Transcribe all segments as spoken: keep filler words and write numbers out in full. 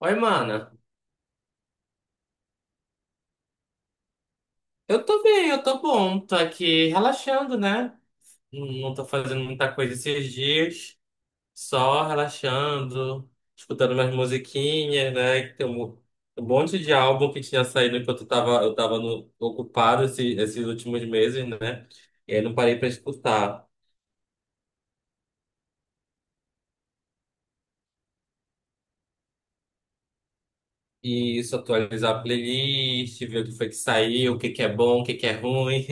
Oi, mana. Eu tô bem, eu tô bom. Tô aqui relaxando, né? Não não tô fazendo muita coisa esses dias. Só relaxando, escutando minhas musiquinhas, né? Que Tem um, um monte de álbum que tinha saído enquanto eu tava, eu tava no- ocupado esse- esses últimos meses, né? E aí não parei pra escutar. E isso, atualizar a playlist, ver o que foi que saiu, o que que é bom, o que que é ruim.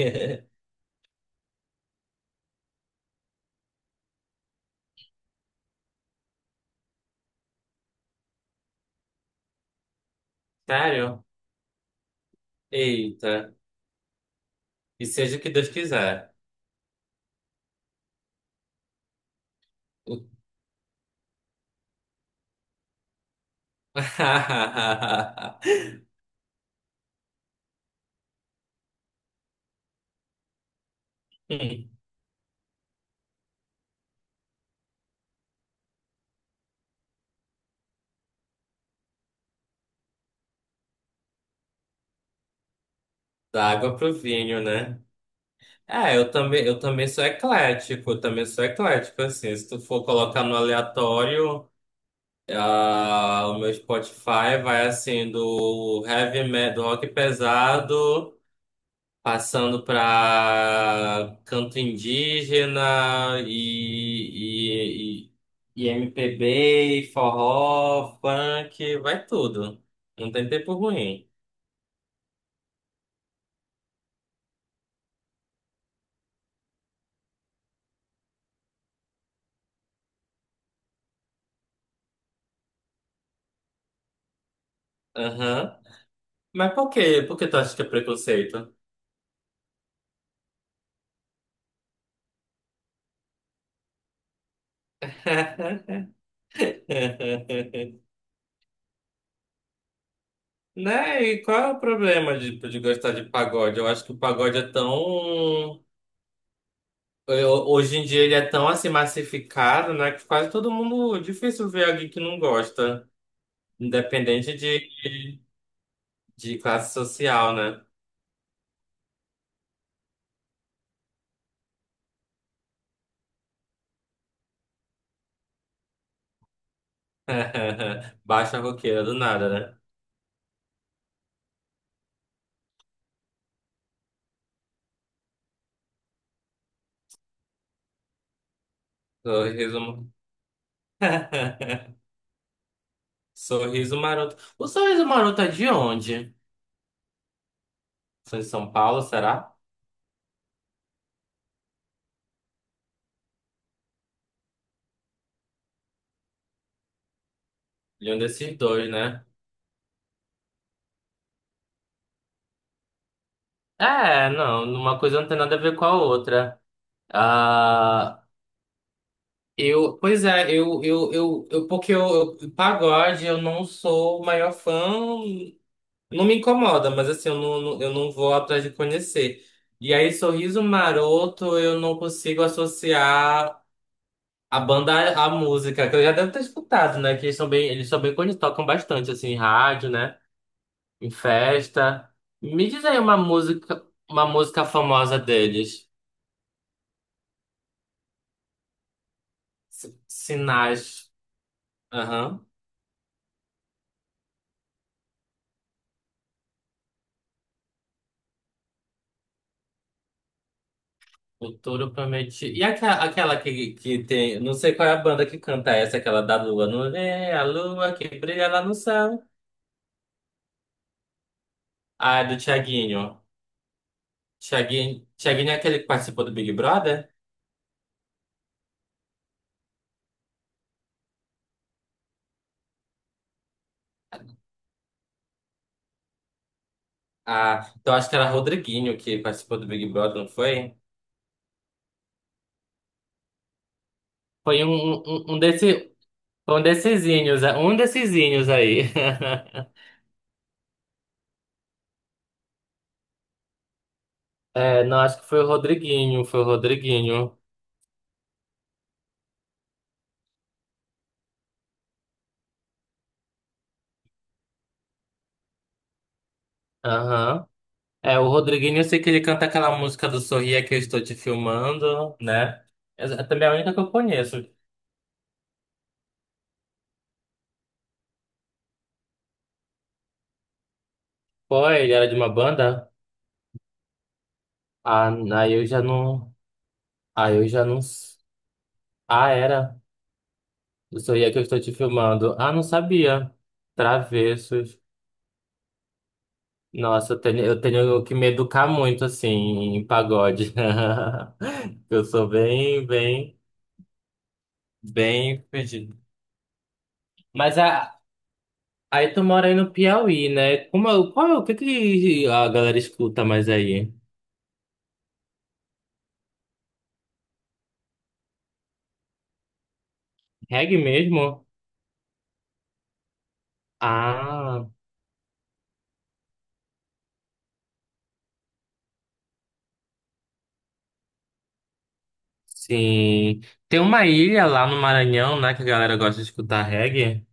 Sério? Eita. E seja o que Deus quiser. Hum. Da água pro vinho, né? É, eu também, eu também sou eclético, eu também sou eclético, assim, se tu for colocar no aleatório, ah, o meu Spotify vai assim do heavy metal, do rock pesado, passando pra canto indígena e, e, e, e M P B, forró, funk, vai tudo. Não tem tempo ruim. Aham. Mas por quê? Por que tu acha que é preconceito? Né? E qual é o problema de, de gostar de pagode? Eu acho que o pagode é tão. eu- Hoje em dia ele é tão assim massificado, né? Que quase todo mundo. Difícil ver alguém que não gosta, independente de, de classe social, né? Baixa roqueira do nada, né? Sorriso. Sorriso Maroto. O Sorriso Maroto é de onde? Foi de São Paulo, será? De um desses dois, né? É, não, uma coisa não tem nada a ver com a outra. Ah, eu, pois é, eu, eu, eu, eu porque eu, eu- pagode, eu não sou o maior fã, não me incomoda, mas assim, eu não, não- eu não vou atrás de conhecer. E aí, Sorriso Maroto, eu não consigo associar a banda à à música, que eu já devo ter escutado, né? Que eles são bem, eles são bem conhecidos, tocam bastante, assim, em rádio, né? Em festa. Me diz aí uma música, uma música famosa deles. Si- Sinais. Aham. O touro promete. E aquela, aquela que, que tem. Não sei qual é a banda que canta essa, aquela da lua. Não é a lua que brilha lá no céu. Ah, é do Thiaguinho. Thiaguinho, Thiaguinho é aquele que participou do Big Brother? Ah, então acho que era Rodriguinho que participou do Big Brother, não foi? Foi um, um, um um desse, foi um dessesinhos, é, um dessesinhos aí. É, não, acho que foi o Rodriguinho, foi o Rodriguinho. Aham. É, o Rodriguinho, eu sei que ele canta aquela música do Sorria que eu estou te filmando, né? Essa é também a única que eu conheço. Pô, ele era de uma banda? Ah, aí eu já não. Ah, eu já não. s- Ah, era. Do Sorria que eu estou te filmando. Ah, não sabia. Travessos. Nossa, eu tenho, eu tenho que me educar muito, assim, em pagode. Eu sou bem, bem, bem perdido. Mas a, aí tu mora aí no Piauí, né? Como é, qual é, o que que a galera escuta mais aí? Reggae mesmo? Ah, sim. Tem uma ilha lá no Maranhão, né, que a galera gosta de escutar reggae,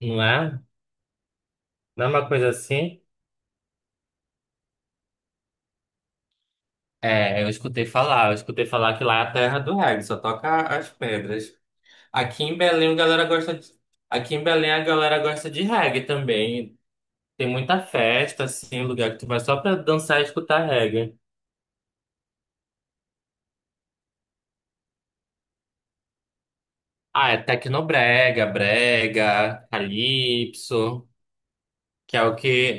não é? Não é uma coisa assim? É, eu escutei falar, eu escutei falar que lá é a terra do reggae, só toca as pedras. Aqui em Belém a galera gosta de, aqui em Belém a galera gosta de reggae também. Tem muita festa, assim, lugar que tu vai só pra dançar e escutar reggae. Ah, é tecnobrega, brega, calypso, que é o que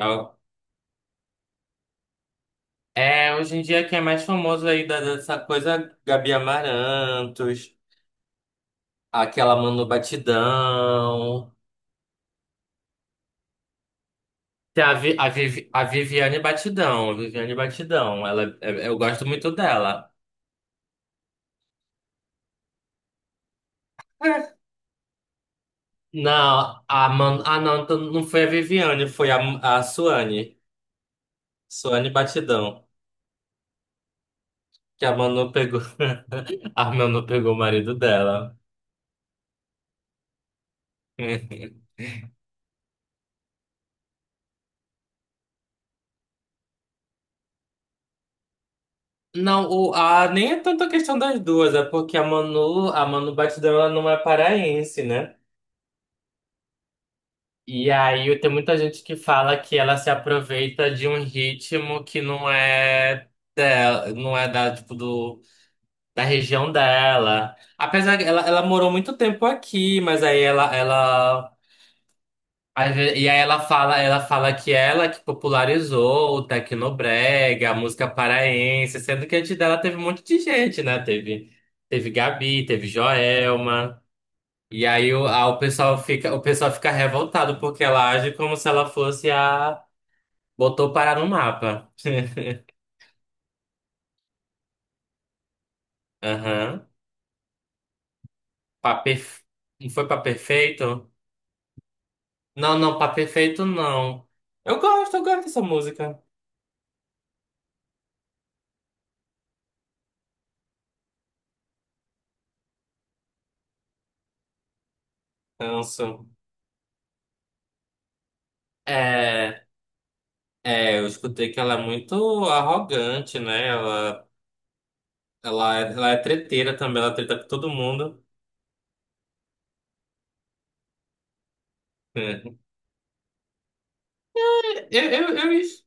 é é, hoje em dia que é mais famoso aí da- dessa coisa, Gabi Amarantos, aquela Manu Batidão. Tem a, Vi, a, Vivi- a Viviane Batidão, Viviane Batidão, ela, é- eu gosto muito dela. Não, a Man, ah, não, então não foi a Viviane, foi a, a Suane, Suane Batidão, que a Manu pegou, a Manu pegou o marido dela. Não, o, a, nem é tanto a questão das duas, é porque a Manu, a Manu Batidão, ela não é paraense, né? E aí tem muita gente que fala que ela se aproveita de um ritmo que não é dela, não é da, tipo, do, da região dela. Apesar que ela, ela morou muito tempo aqui, mas aí ela, ela Às ve- E aí ela fala, ela fala que ela que popularizou o Tecnobrega, a música paraense, sendo que antes dela teve um monte de gente, né? Teve, teve Gabi, teve Joelma. E aí o, a- o pessoal fica, o pessoal fica revoltado porque ela age como se ela fosse a botou parar no mapa. Aham. Pra perf- Não foi pra perfeito? Não, não, pra perfeito não. Eu gosto, eu gosto dessa música. Canso. É. É, eu escutei que ela é muito arrogante, né? Ela, ela, é- ela é treteira também, ela treta com todo mundo. É. Eu, eu, eu, es-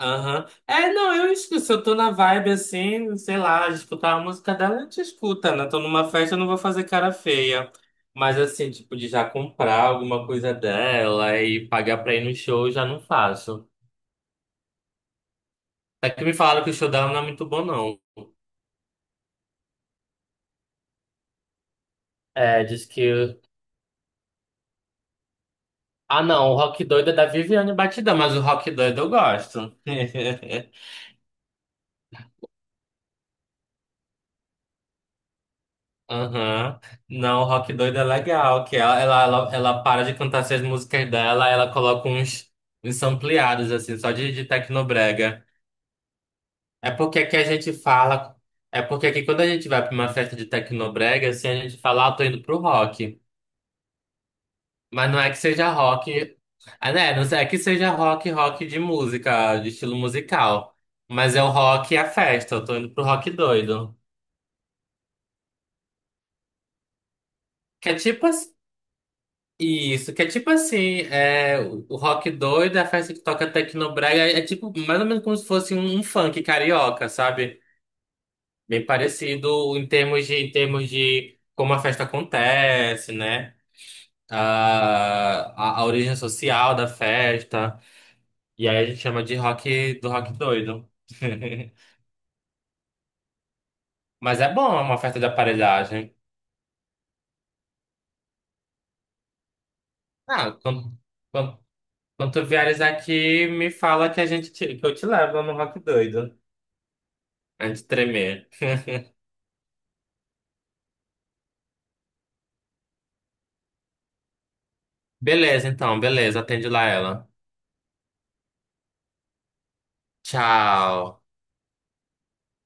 Aham. É, não, eu escuto. Se eu tô na vibe assim, sei lá, de escutar a música dela, a gente escuta, né? Tô numa festa, eu não vou fazer cara feia. Mas assim, tipo, de já comprar alguma coisa dela e pagar pra ir no show, eu já não faço. Até que me falaram que o show dela não é muito bom, não. É, diz que ah, não, o Rock Doido é da Viviane Batidão, mas o Rock Doido eu gosto. Aham. Não, o Rock Doido é legal, que ela, ela, ela, ela para de cantar essas músicas dela, ela coloca uns, uns ampliados, assim, só de, de tecnobrega. É porque aqui a gente fala, é porque aqui quando a gente vai pra uma festa de tecnobrega, assim, a gente fala, ah, tô indo pro rock. Mas não é que seja rock, ah, né? Não é que seja rock, rock de música, de estilo musical. Mas é o rock e a festa, eu tô indo pro rock doido. Que é tipo assim, isso, que é tipo assim, é, o o rock doido, a festa que toca Tecnobrega, é, é tipo mais ou menos como se fosse um, um funk carioca, sabe? Bem parecido em termos de, em termos de como a festa acontece, né? Ah, a, a origem social da festa. E aí a gente chama de rock, do rock doido. Mas é bom, é uma festa de aparelhagem. Ah, quando, quando, quando tu vieres aqui, me fala que a gente te- que eu te levo no rock doido. Antes de tremer. Beleza, então, beleza. Atende lá ela. Tchau.